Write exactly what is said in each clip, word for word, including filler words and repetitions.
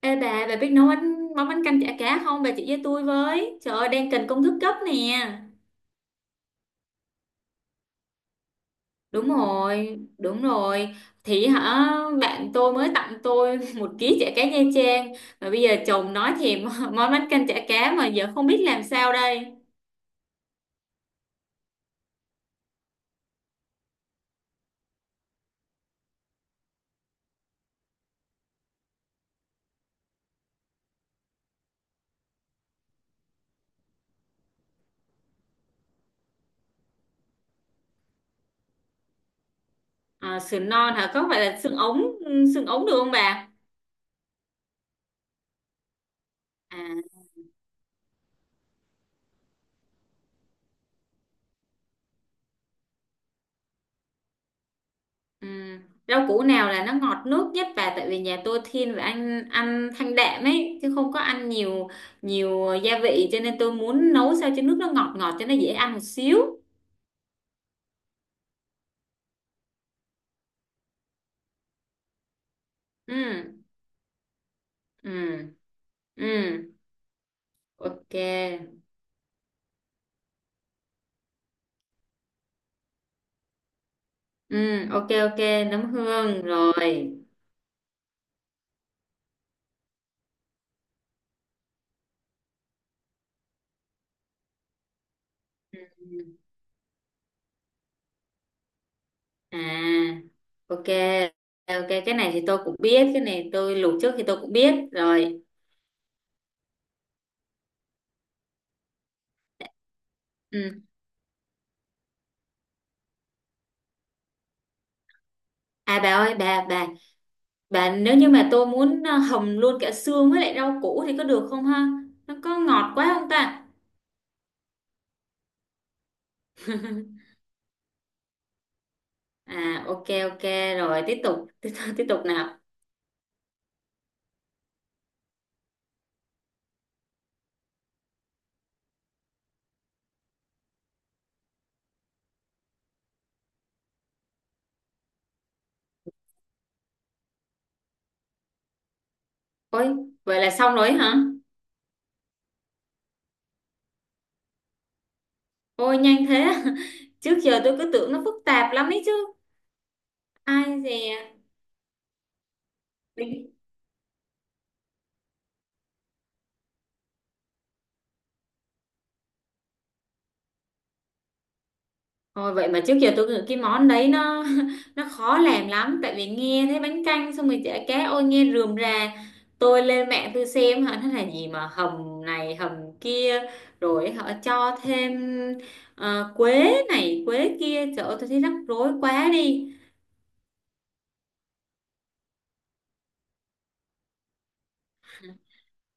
Ê bà, bà biết nấu bánh, món bánh canh chả cá không? Bà chỉ với tôi với. Trời ơi, đang cần công thức gấp nè. Đúng rồi, đúng rồi. Thì hả, bạn tôi mới tặng tôi một ký chả cá Nha Trang. Mà bây giờ chồng nói thèm món bánh canh chả cá mà giờ không biết làm sao đây. À, sườn non hả? Có phải là xương ống, xương ống được không bà? À, ừ. Rau củ nào là nó ngọt nước nhất, và tại vì nhà tôi thiên về ăn ăn thanh đạm ấy, chứ không có ăn nhiều nhiều gia vị, cho nên tôi muốn nấu sao cho nước nó ngọt ngọt cho nó dễ ăn một xíu. Ừ. Ừ. Ừ. Ok. Ừ, ok ok, nấm hương rồi. Ừ. À. Ok. Ok, cái này thì tôi cũng biết, cái này tôi luộc trước thì tôi cũng biết rồi. Ừ. À bà ơi, bà bà bạn, nếu như mà tôi muốn à, hầm luôn cả xương với lại rau củ thì có được không ha? Nó có ngọt quá không ta? À ok, ok rồi, tiếp tục tiếp, tục- tiếp tục nào. Ôi, vậy là xong rồi hả? Ôi nhanh thế. Trước giờ tôi cứ tưởng nó phức tạp lắm ấy chứ. Ai dè. Ôi, vậy mà trước giờ tôi cứ- cái món đấy nó nó khó làm lắm, tại vì nghe thấy bánh canh xong rồi chả cá, ôi nghe rườm rà. Tôi lên mạng tôi xem hả nó là gì, mà hầm này hầm kia, rồi họ cho thêm ờ, quế này quế kia, trời ơi tôi thấy rắc rối quá đi.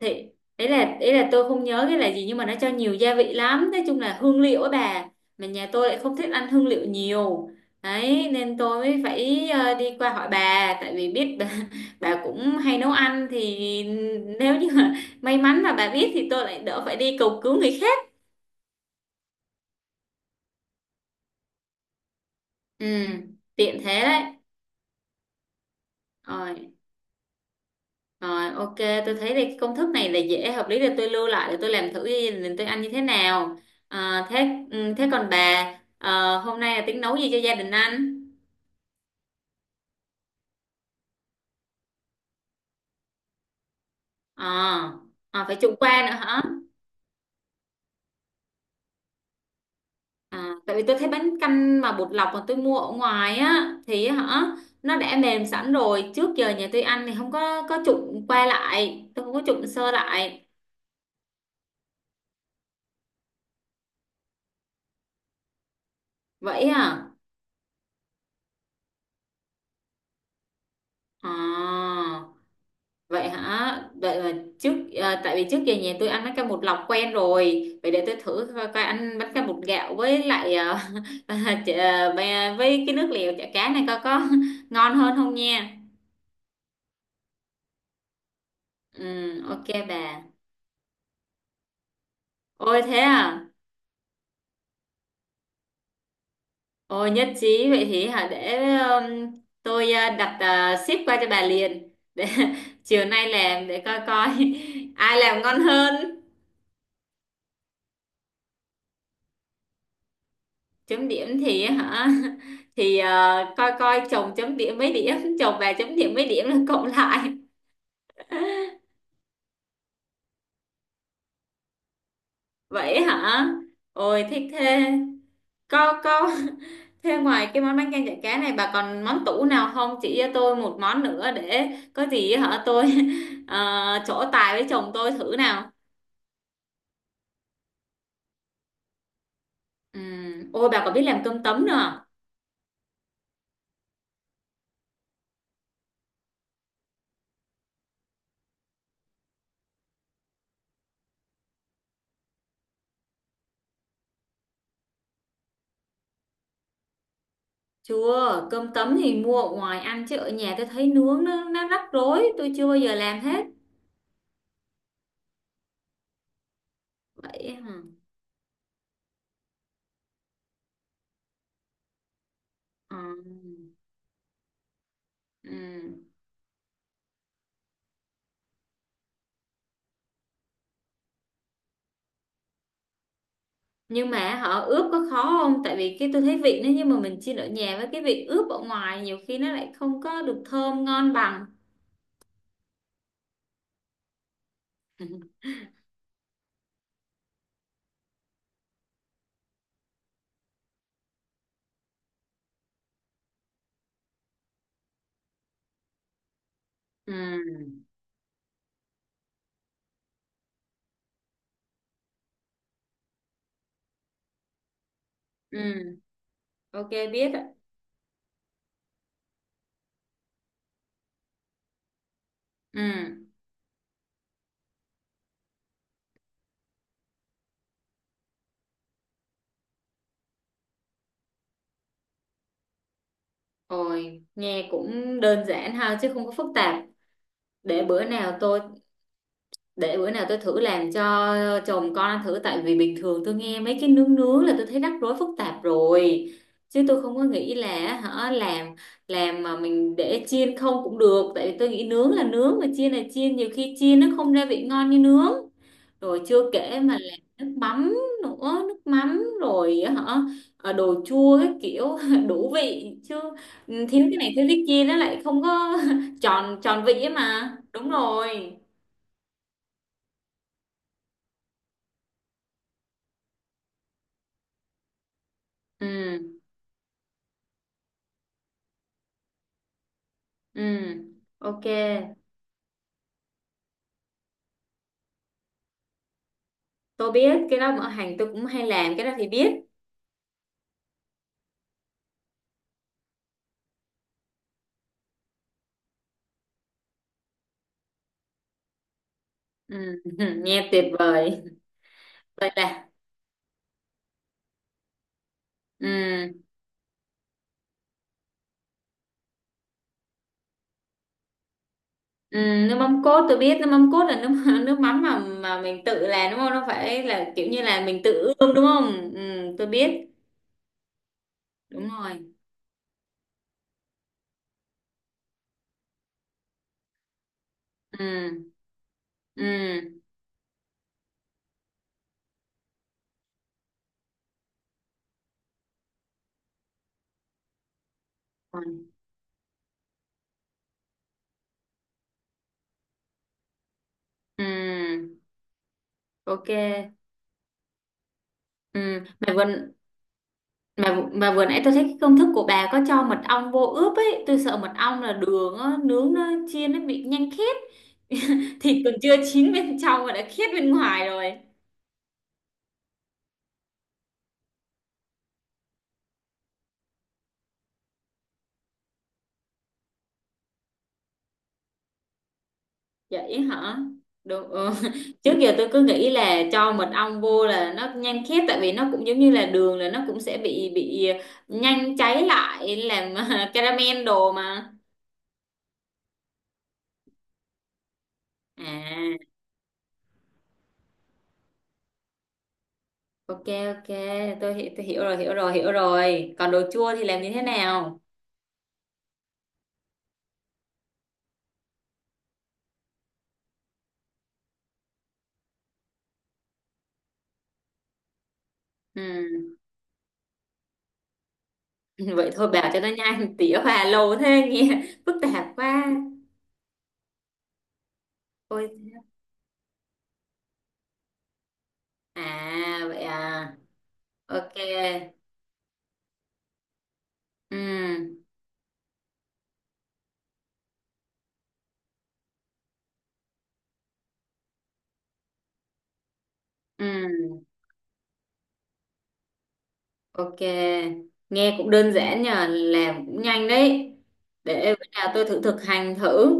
Thì ý là ý là tôi không nhớ cái là gì, nhưng mà nó cho nhiều gia vị lắm, nói chung là hương liệu á bà. Mà nhà tôi lại không thích ăn hương liệu nhiều, đấy nên tôi mới phải ờ, đi qua hỏi bà, tại vì biết bà, bà cũng hay nấu ăn. Thì nếu như mà may mắn mà bà biết thì tôi lại đỡ phải đi cầu cứu người khác. Ừ, tiện thế đấy. Rồi. Rồi ok, tôi thấy thì cái công thức này là dễ, hợp lý, để tôi lưu lại để tôi làm thử gia, tôi ăn như thế nào. À, thế ừ, thế còn bà ờ, hôm nay là tính nấu gì cho gia đình ăn? À, à phải chủ qua nữa hả? À, tại vì tôi thấy bánh canh mà bột lọc mà tôi mua ở ngoài á thì hả nó đã mềm sẵn rồi, trước giờ nhà tôi ăn thì không có có trụng qua lại, tôi không có trụng sơ lại. Vậy à? À. Vậy hả? Đợi là trước à, tại vì trước giờ nhà tôi ăn bánh canh bột lọc quen rồi. Vậy để tôi thử coi, coi ăn bánh canh bột gạo với lại à, à, chả- bè- với cái nước lèo chả cá này coi có ngon hơn không nha. Ừ, ok bà. Ôi thế à? Ôi nhất trí. Vậy thì hả để um, tôi à, đặt à, ship qua cho bà liền. Để chiều nay làm để coi coi ai làm ngon hơn. Chấm điểm thì hả thì ờ, coi coi chồng chấm điểm mấy điểm, chồng bà chấm điểm mấy điểm, là cộng lại. Vậy hả? Ôi thích thế. Có có thế ngoài cái món bánh canh chả cá này, bà còn món tủ nào không, chỉ cho tôi một món nữa để có gì hả tôi ờ, trổ tài với chồng tôi thử nào. Ừ. Ôi bà có biết làm cơm tấm nữa à? Chưa, cơm tấm thì mua ở ngoài ăn, chứ ở nhà tôi thấy nướng nó nó rắc rối, tôi chưa bao giờ làm hết. Vậy hả? Ừ. Ừ. Nhưng mà họ ướp có khó không? Tại vì cái tôi thấy vị nó, nhưng mà mình chiên ở nhà với cái vị ướp ở ngoài nhiều khi nó lại không có được thơm ngon bằng. Ừ. Ừ. Ok biết ạ. Ừ. Ôi, nghe cũng đơn giản ha, chứ không có phức tạp. Để bữa nào tôi để bữa nào tôi thử làm cho chồng con ăn thử, tại vì bình thường tôi nghe mấy cái nướng nướng là tôi thấy rắc rối phức tạp rồi, chứ tôi không có nghĩ là hả làm làm mà mình để chiên không cũng được, tại vì tôi nghĩ nướng là nướng mà chiên là chiên, nhiều khi chiên nó không ra vị ngon như nướng. Rồi chưa kể mà làm nước mắm nữa, nước mắm rồi hả ờ, đồ chua, cái kiểu đủ vị chứ, ừ, thiếu cái này thiếu cái kia nó lại không có tròn tròn vị ấy mà, đúng rồi. Ừ. Ừ, ok. Tôi biết cái đó, ở hàng tôi cũng hay làm cái đó thì biết. Ừ, nghe tuyệt vời. Vậy là ừ, ừ, nước mắm cốt tôi biết, nước mắm cốt là nước nước mắm mà mà mình tự làm đúng không? Nó phải là kiểu như là mình tự ươm đúng không? Ừ, tôi biết. Đúng rồi. Ừ, ừ, ừ, ừ, ok. Ừ, mày vừa, mà mà vừa nãy tôi thấy cái công thức của bà có cho mật ong vô ướp ấy, tôi sợ mật ong là đường á, nướng nó chiên nó bị nhanh khét. Thịt còn chưa chín bên trong mà đã khét bên ngoài rồi. Vậy hả? Đúng ừ. Trước giờ tôi cứ nghĩ là cho mật ong vô là nó nhanh khét, tại vì nó cũng giống như là đường, là nó cũng sẽ bị bị nhanh cháy lại làm caramel đồ mà. À ok, ok, tôi hi- tôi hiểu rồi, hiểu rồi hiểu rồi. Còn đồ chua thì làm như thế nào? Ừ. Vậy thôi bảo cho nó nhanh, tỉa hòa lâu thế nghe phức tạp quá. Ôi, à vậy à. Ok. Ừ. Ừ, ok, nghe cũng đơn giản, nhờ làm cũng nhanh đấy. Để bữa nào tôi thử thực hành thử.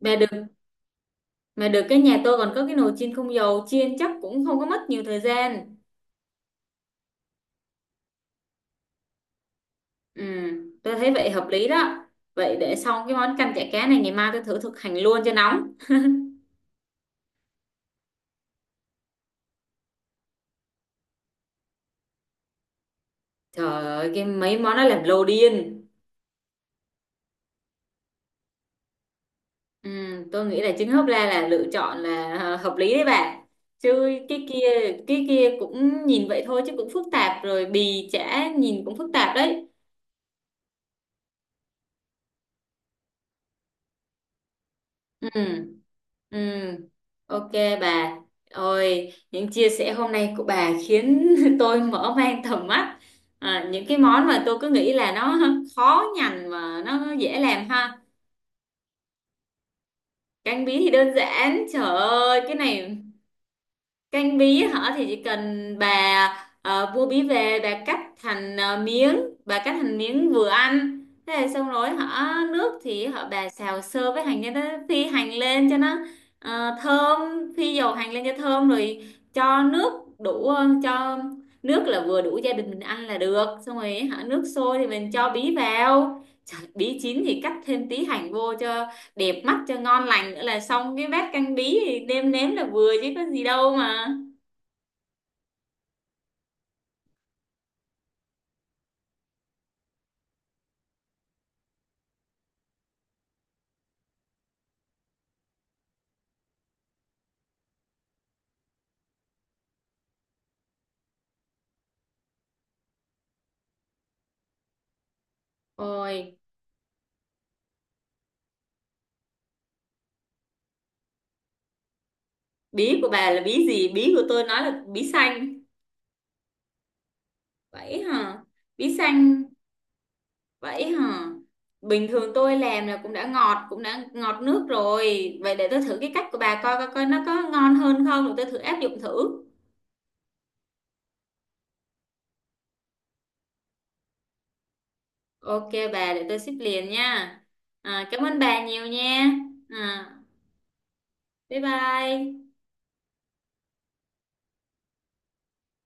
mà được mà được cái nhà tôi còn có cái nồi chiên không dầu, chiên chắc cũng không có mất nhiều thời gian. Ừ, tôi thấy vậy hợp lý đó. Vậy để xong cái món canh chả cá này, ngày mai tôi thử thực hành luôn cho nóng. Trời ơi, cái mấy món nó làm lồ điên. Ừ, tôi nghĩ là trứng hấp la là lựa chọn là ờ, hợp lý đấy bạn. Chứ cái kia cái kia cũng nhìn vậy thôi chứ cũng phức tạp rồi, bì chả nhìn cũng phức tạp đấy. Ừ. Ừ, ok bà. Ôi, những chia sẻ hôm nay của bà khiến tôi mở mang tầm mắt, à, những cái món mà tôi cứ nghĩ là nó khó nhằn mà nó dễ làm ha. Canh bí thì đơn giản, trời ơi cái này. Canh bí hả, thì chỉ cần bà ờ, mua bí về, bà cắt thành ờ, miếng, bà cắt thành miếng vừa ăn, thế là xong rồi hả. Nước thì hả bà xào sơ với hành cho nó phi hành lên cho nó ờ, thơm, phi dầu hành lên cho thơm, rồi cho nước đủ, ờ, cho nước là vừa đủ gia đình mình ăn là được. Xong rồi hả nước sôi thì mình cho bí vào. Trời, bí chín thì cắt thêm tí hành vô cho đẹp mắt cho ngon lành, nữa là xong cái bát canh bí, thì nêm nếm là vừa chứ có gì đâu mà. Ôi, bí của bà là bí gì, bí của tôi nói là bí xanh. Vậy hả? Bí xanh. Vậy hả? Bình thường tôi làm là cũng đã ngọt, cũng đã ngọt nước rồi, vậy để tôi thử cái cách của bà coi coi coi nó có ngon hơn không rồi tôi thử áp dụng thử. Ok bà, để tôi ship liền nha. À, cảm ơn bà nhiều nha. À, bye bye.